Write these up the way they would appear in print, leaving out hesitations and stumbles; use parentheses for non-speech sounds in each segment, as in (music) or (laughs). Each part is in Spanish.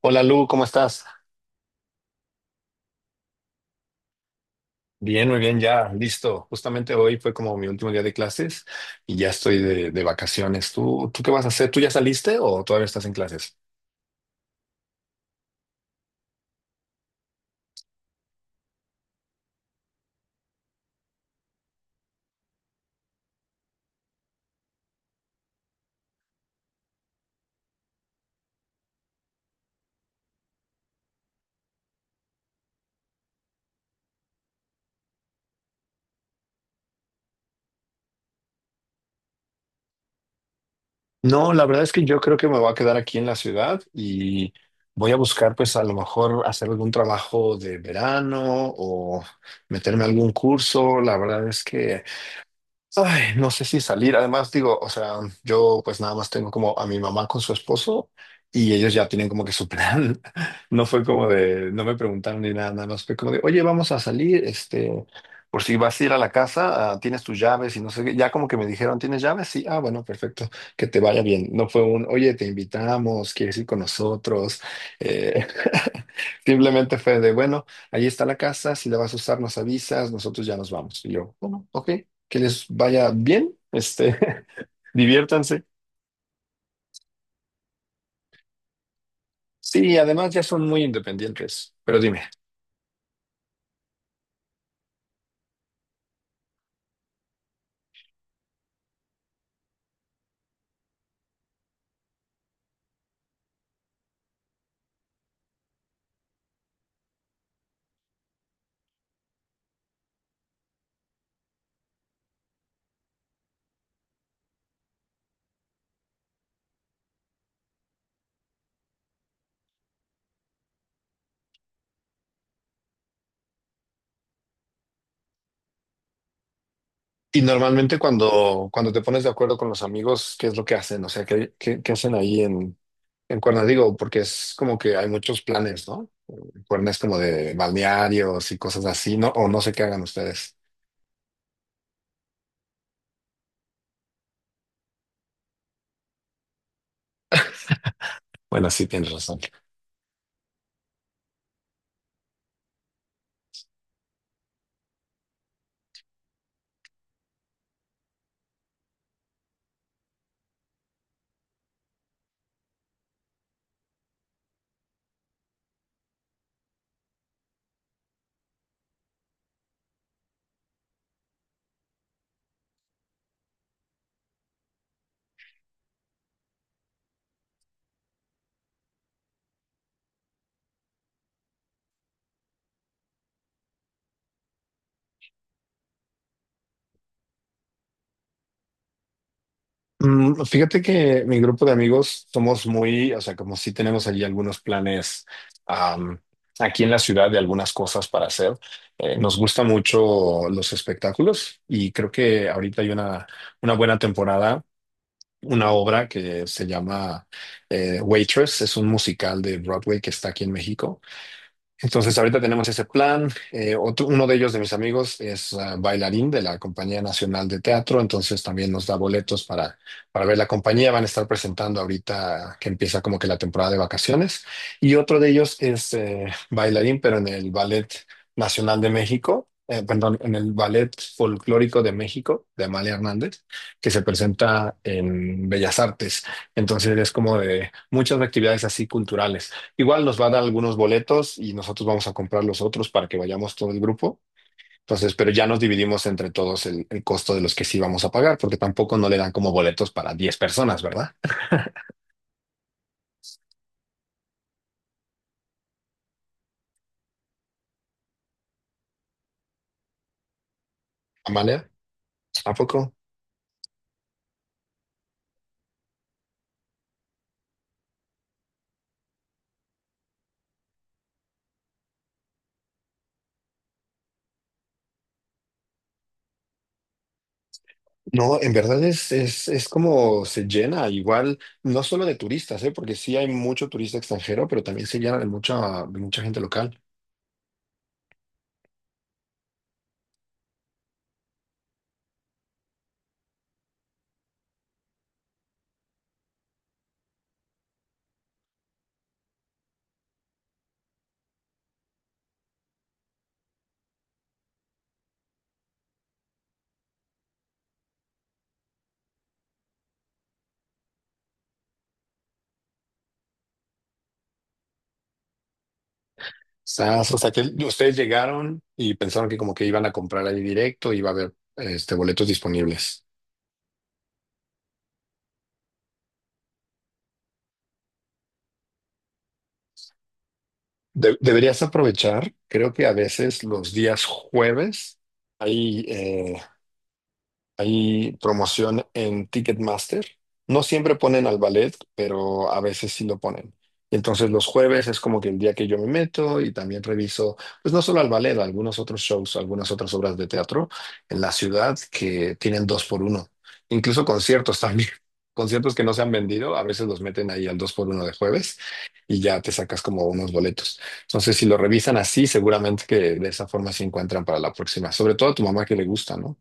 Hola Lu, ¿cómo estás? Bien, muy bien, ya, listo. Justamente hoy fue como mi último día de clases y ya estoy de vacaciones. ¿Tú qué vas a hacer? ¿Tú ya saliste o todavía estás en clases? No, la verdad es que yo creo que me voy a quedar aquí en la ciudad y voy a buscar pues a lo mejor hacer algún trabajo de verano o meterme a algún curso. La verdad es que ay, no sé si salir. Además, digo, o sea, yo pues nada más tengo como a mi mamá con su esposo y ellos ya tienen como que su plan. (laughs) No fue como de, no me preguntaron ni nada, nada más fue como de, oye, vamos a salir, este, por si vas a ir a la casa, ah, tienes tus llaves y no sé qué. Ya como que me dijeron, ¿tienes llaves? Sí, ah, bueno, perfecto, que te vaya bien. No fue un, oye, te invitamos, quieres ir con nosotros. Eh, (laughs) simplemente fue de, bueno, ahí está la casa, si la vas a usar, nos avisas, nosotros ya nos vamos. Y yo, bueno, ok, que les vaya bien, este, (laughs) diviértanse. Sí, además ya son muy independientes, pero dime. Y normalmente cuando te pones de acuerdo con los amigos, ¿qué es lo que hacen? O sea, ¿qué hacen ahí en Cuerna? Digo, porque es como que hay muchos planes, ¿no? Cuerna es como de balnearios y cosas así, ¿no? O no sé qué hagan ustedes. Bueno, sí, tienes razón. Fíjate que mi grupo de amigos somos muy, o sea, como si tenemos allí algunos planes am, aquí en la ciudad de algunas cosas para hacer. Nos gusta mucho los espectáculos y creo que ahorita hay una buena temporada, una obra que se llama Waitress, es un musical de Broadway que está aquí en México. Entonces, ahorita tenemos ese plan. Uno de ellos de mis amigos es bailarín de la Compañía Nacional de Teatro, entonces también nos da boletos para ver la compañía. Van a estar presentando ahorita que empieza como que la temporada de vacaciones. Y otro de ellos es bailarín, pero en el Ballet Nacional de México, perdón, en el Ballet Folclórico de México, de Amalia Hernández, que se presenta en Bellas Artes. Entonces, es como de muchas actividades así culturales. Igual nos van a dar algunos boletos y nosotros vamos a comprar los otros para que vayamos todo el grupo. Entonces, pero ya nos dividimos entre todos el costo de los que sí vamos a pagar, porque tampoco no le dan como boletos para 10 personas, ¿verdad? Amalia, ¿a poco? No, en verdad es como se llena igual, no solo de turistas, ¿eh? Porque sí hay mucho turista extranjero, pero también se llena de mucha gente local. Sas, o sea, que ustedes llegaron y pensaron que como que iban a comprar ahí directo, iba a haber este, boletos disponibles. Deberías aprovechar, creo que a veces los días jueves hay eh, Hay promoción en Ticketmaster. No siempre ponen al ballet, pero a veces sí lo ponen. Entonces los jueves es como que el día que yo me meto y también reviso, pues no solo al ballet, algunos otros shows, algunas otras obras de teatro en la ciudad que tienen dos por uno. Incluso conciertos también. (laughs) Conciertos que no se han vendido, a veces los meten ahí al dos por uno de jueves y ya te sacas como unos boletos. Entonces si lo revisan así, seguramente que de esa forma se encuentran para la próxima. Sobre todo a tu mamá que le gusta, ¿no?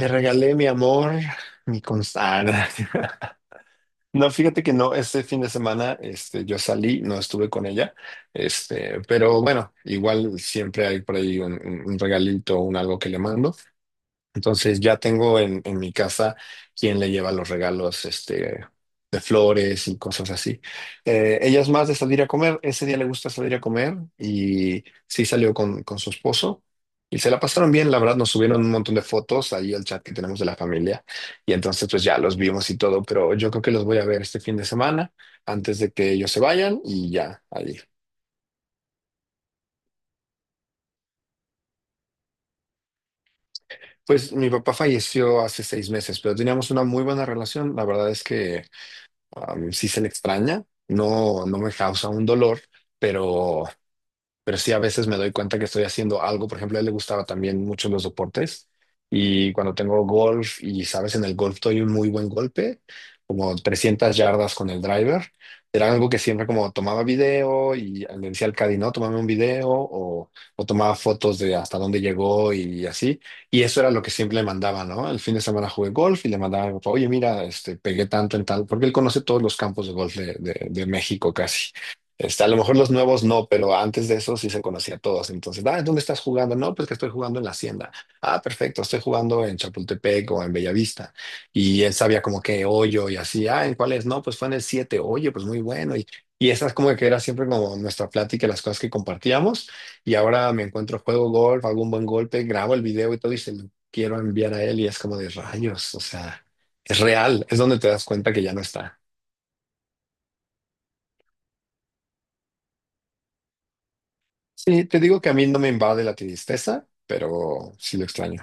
Le regalé mi amor, mi constancia. (laughs) No, fíjate que no, este fin de semana este, yo salí, no estuve con ella, este, pero bueno, igual siempre hay por ahí un regalito, un algo que le mando. Entonces ya tengo en mi casa quien le lleva los regalos, este, de flores y cosas así. Ella es más de salir a comer, ese día le gusta salir a comer y sí salió con su esposo y se la pasaron bien, la verdad, nos subieron un montón de fotos ahí al chat que tenemos de la familia y entonces pues ya los vimos y todo, pero yo creo que los voy a ver este fin de semana antes de que ellos se vayan y ya, ahí. Pues mi papá falleció hace 6 meses, pero teníamos una muy buena relación, la verdad es que si sí se le extraña, no, no me causa un dolor, pero pero sí a veces me doy cuenta que estoy haciendo algo. Por ejemplo, a él le gustaba también mucho los deportes y cuando tengo golf y sabes, en el golf doy un muy buen golpe, como 300 yardas con el driver. Era algo que siempre como tomaba video y le decía al caddy, no, tomame un video o tomaba fotos de hasta dónde llegó y así. Y eso era lo que siempre le mandaba, ¿no? El fin de semana jugué golf y le mandaba, oye, mira, este, pegué tanto en tal, porque él conoce todos los campos de golf de México casi. Este, a lo mejor los nuevos no, pero antes de eso sí se conocía a todos. Entonces, ah, ¿dónde estás jugando? No, pues que estoy jugando en la hacienda. Ah, perfecto, estoy jugando en Chapultepec o en Bellavista. Y él sabía como que hoyo y así, ah, ¿en cuál es? No, pues fue en el 7. Oye, pues muy bueno. Y esa es como que era siempre como nuestra plática, las cosas que compartíamos. Y ahora me encuentro, juego golf, hago un buen golpe, grabo el video y todo y se lo quiero enviar a él y es como de rayos, o sea, es real, es donde te das cuenta que ya no está. Sí, te digo que a mí no me invade la tristeza, pero sí lo extraño.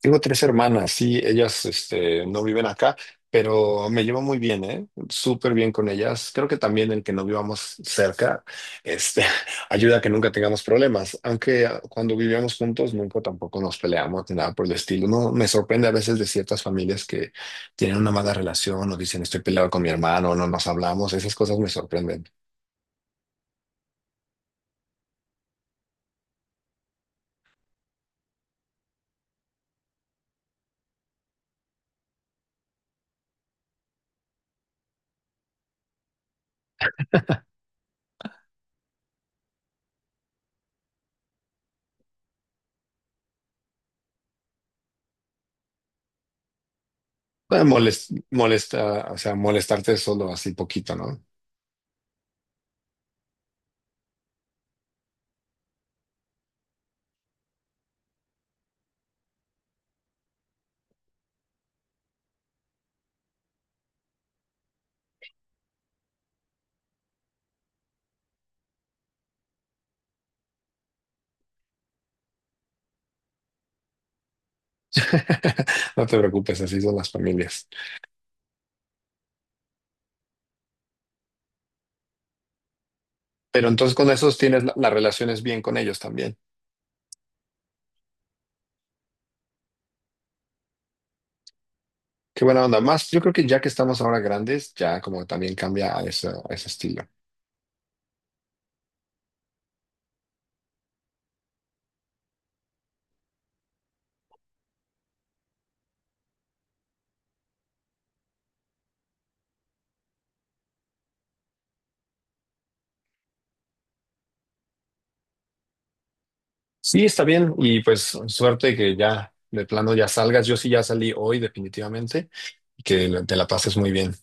Tengo tres hermanas, sí, ellas este, no viven acá, pero me llevo muy bien, ¿eh? Súper bien con ellas. Creo que también el que no vivamos cerca, este, (laughs) ayuda a que nunca tengamos problemas. Aunque cuando vivíamos juntos nunca tampoco nos peleamos ni nada por el estilo. No, me sorprende a veces de ciertas familias que tienen una mala relación o dicen estoy peleado con mi hermano, no nos hablamos. Esas cosas me sorprenden. Molesta, o sea, molestarte solo así poquito, ¿no? (laughs) No te preocupes, así son las familias. Pero entonces con esos tienes las relaciones bien con ellos también. Qué buena onda. Más, yo creo que ya que estamos ahora grandes, ya como también cambia a ese estilo. Sí, está bien. Y pues suerte que ya de plano ya salgas. Yo sí ya salí hoy definitivamente y que te la pases muy bien.